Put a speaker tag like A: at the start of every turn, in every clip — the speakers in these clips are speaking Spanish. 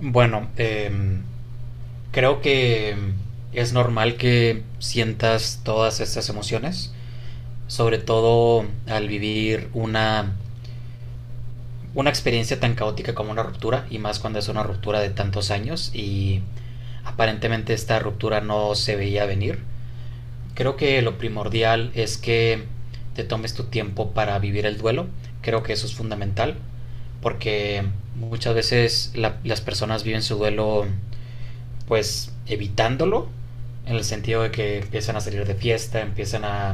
A: Bueno, creo que es normal que sientas todas estas emociones, sobre todo al vivir una experiencia tan caótica como una ruptura, y más cuando es una ruptura de tantos años y aparentemente esta ruptura no se veía venir. Creo que lo primordial es que te tomes tu tiempo para vivir el duelo, creo que eso es fundamental, porque muchas veces las personas viven su duelo pues evitándolo, en el sentido de que empiezan a salir de fiesta,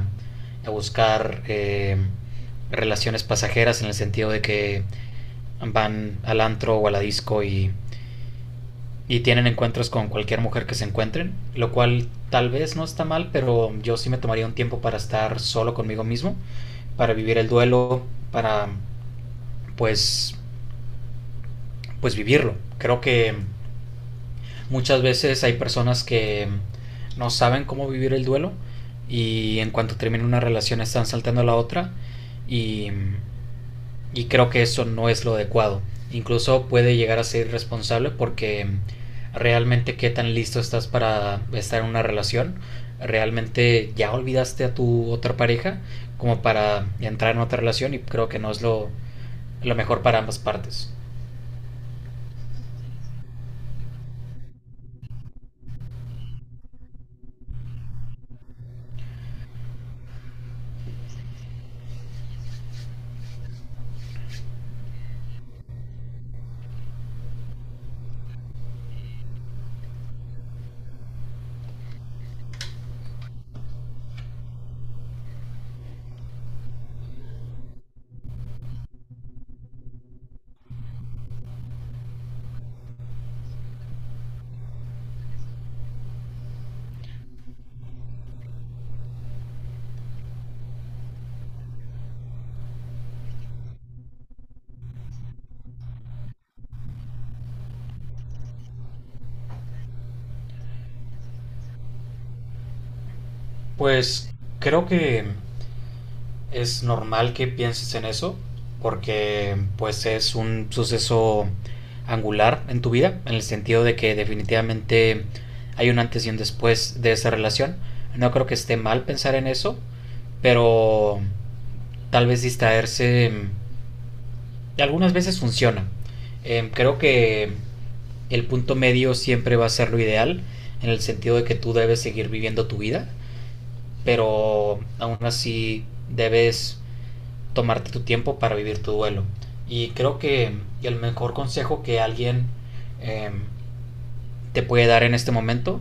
A: a buscar relaciones pasajeras, en el sentido de que van al antro o a la disco y tienen encuentros con cualquier mujer que se encuentren, lo cual tal vez no está mal, pero yo sí me tomaría un tiempo para estar solo conmigo mismo, para vivir el duelo, para pues, pues vivirlo. Creo que muchas veces hay personas que no saben cómo vivir el duelo y en cuanto termina una relación están saltando a la otra y, y creo que eso no es lo adecuado. Incluso puede llegar a ser irresponsable porque realmente qué tan listo estás para estar en una relación. Realmente ya olvidaste a tu otra pareja como para entrar en otra relación y creo que no es lo mejor para ambas partes. Pues creo que es normal que pienses en eso, porque pues es un suceso angular en tu vida, en el sentido de que definitivamente hay un antes y un después de esa relación. No creo que esté mal pensar en eso, pero tal vez distraerse algunas veces funciona. Creo que el punto medio siempre va a ser lo ideal, en el sentido de que tú debes seguir viviendo tu vida, pero aún así debes tomarte tu tiempo para vivir tu duelo. Y creo que el mejor consejo que alguien eh, te puede dar en este momento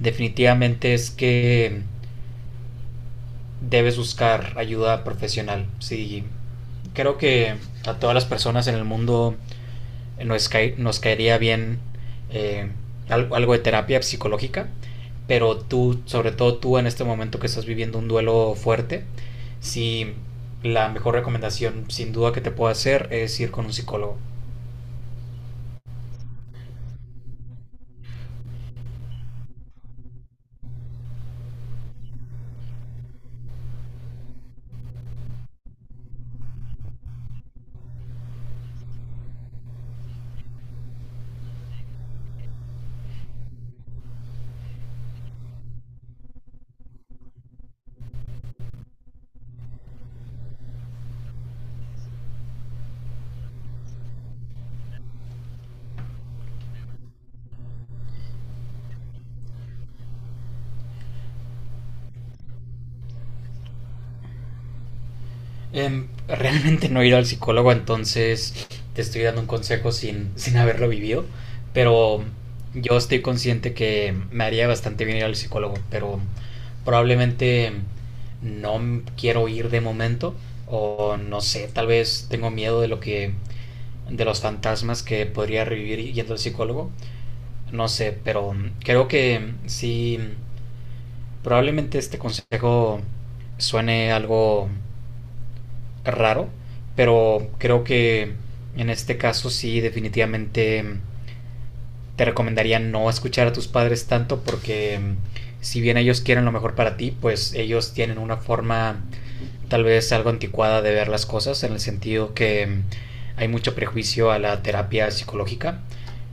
A: definitivamente es que debes buscar ayuda profesional. Sí, creo que a todas las personas en el mundo nos caería bien eh, algo de terapia psicológica, pero tú, sobre todo tú en este momento que estás viviendo un duelo fuerte, si la mejor recomendación sin duda que te puedo hacer es ir con un psicólogo. Realmente no he ido al psicólogo, entonces te estoy dando un consejo sin haberlo vivido, pero yo estoy consciente que me haría bastante bien ir al psicólogo, pero probablemente no m- quiero ir de momento o no sé, tal vez tengo miedo de los fantasmas que podría revivir yendo al psicólogo, no sé, pero creo que sí probablemente este consejo suene algo raro, pero creo que en este caso sí definitivamente te recomendaría no escuchar a tus padres tanto porque si bien ellos quieren lo mejor para ti, pues ellos tienen una forma tal vez algo anticuada de ver las cosas en el sentido que hay mucho prejuicio a la terapia psicológica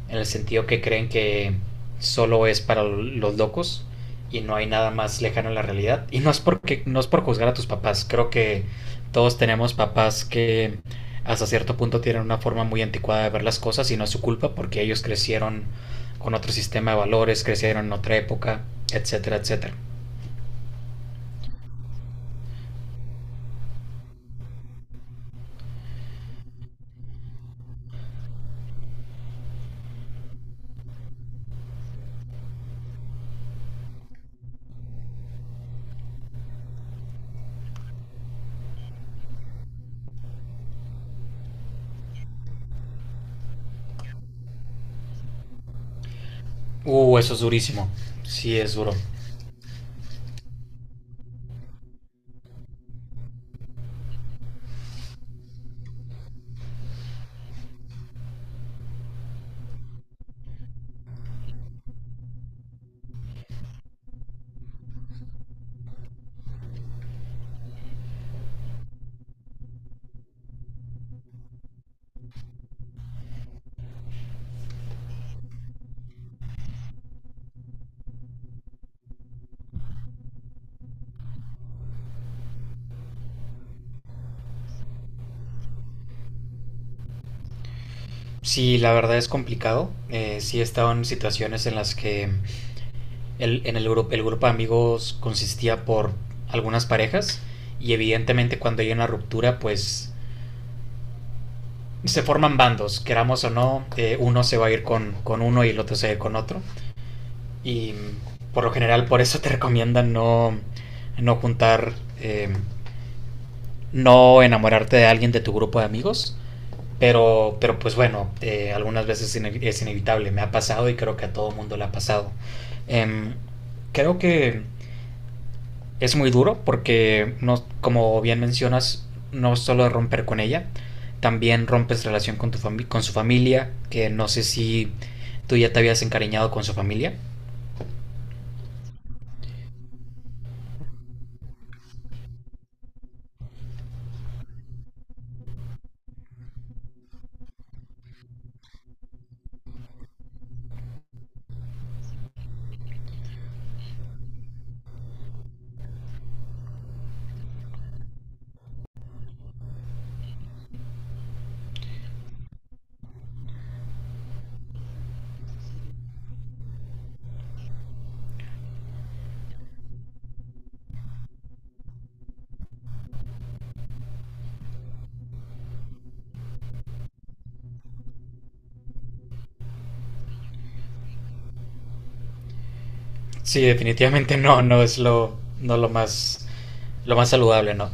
A: en el sentido que creen que solo es para los locos y no hay nada más lejano a la realidad. Y no es por juzgar a tus papás, creo que todos tenemos papás que hasta cierto punto tienen una forma muy anticuada de ver las cosas y no es su culpa porque ellos crecieron con otro sistema de valores, crecieron en otra época, etcétera, etcétera. Eso es durísimo. Sí, es duro. Sí, la verdad es complicado. Sí he estado en situaciones en las que el grupo de amigos consistía por algunas parejas y evidentemente cuando hay una ruptura pues se forman bandos, queramos o no, uno se va a ir con uno y el otro se va a ir con otro. Y por lo general por eso te recomiendan no juntar, eh, no enamorarte de alguien de tu grupo de amigos. Pero pues bueno, algunas veces es inevitable, me ha pasado y creo que a todo mundo le ha pasado. Eh, Creo que es muy duro porque, no, como bien mencionas, no solo romper con ella, también rompes relación con su familia, que no sé si tú ya te habías encariñado con su familia. Sí, definitivamente no es no lo más, lo más saludable, ¿no?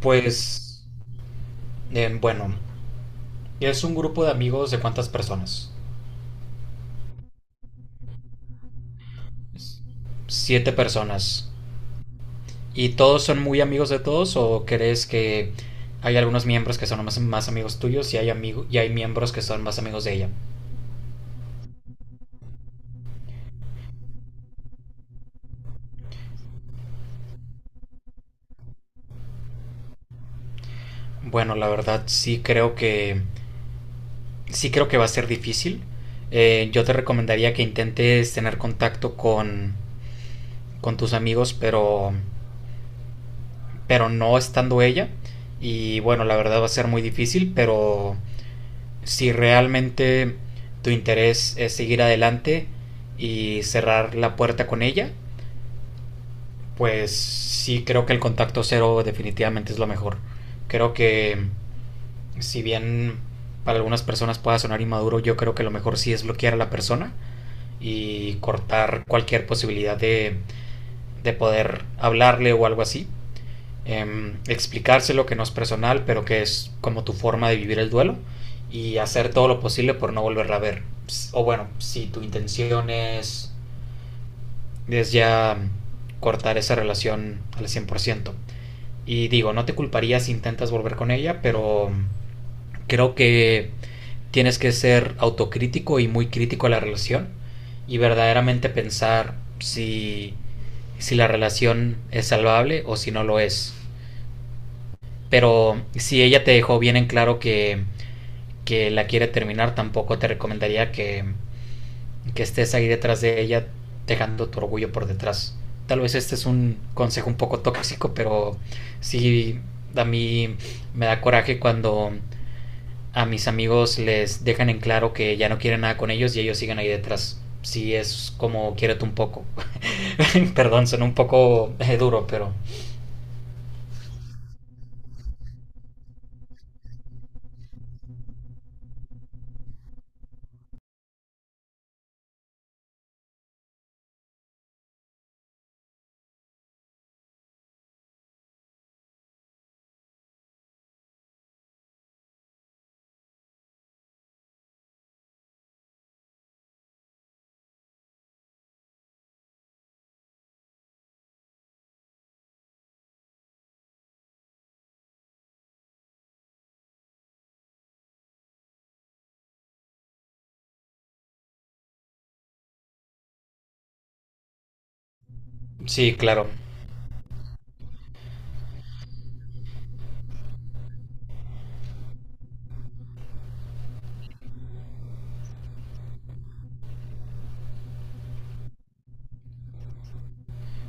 A: Pues, bueno, ¿es un grupo de amigos de cuántas personas? Siete personas. ¿Y todos son muy amigos de todos o crees que hay algunos miembros que son más amigos tuyos y y hay miembros que son más amigos de ella? Bueno, la verdad sí creo que va a ser difícil. Yo te recomendaría que intentes tener contacto con tus amigos, pero no estando ella. Y bueno, la verdad va a ser muy difícil, pero si realmente tu interés es seguir adelante y cerrar la puerta con ella, pues sí creo que el contacto cero definitivamente es lo mejor. Creo que si bien para algunas personas pueda sonar inmaduro, yo creo que lo mejor sí es bloquear a la persona y cortar cualquier posibilidad de poder hablarle o algo así. Explicárselo que no es personal, pero que es como tu forma de vivir el duelo y hacer todo lo posible por no volverla a ver. O bueno, si tu intención es ya cortar esa relación al 100%. Y digo, no te culparía si intentas volver con ella, pero creo que tienes que ser autocrítico y muy crítico a la relación y verdaderamente pensar si la relación es salvable o si no lo es. Pero si ella te dejó bien en claro que la quiere terminar, tampoco te recomendaría que estés ahí detrás de ella dejando tu orgullo por detrás. Tal vez este es un consejo un poco tóxico, pero sí a mí me da coraje cuando a mis amigos les dejan en claro que ya no quieren nada con ellos y ellos siguen ahí detrás. Sí es como quiérete un poco. Perdón, son un poco duro, pero sí, claro.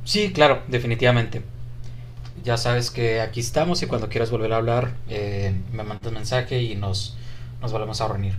A: Sí, claro, definitivamente. Ya sabes que aquí estamos y cuando quieras volver a hablar me mandas mensaje y nos volvemos a reunir.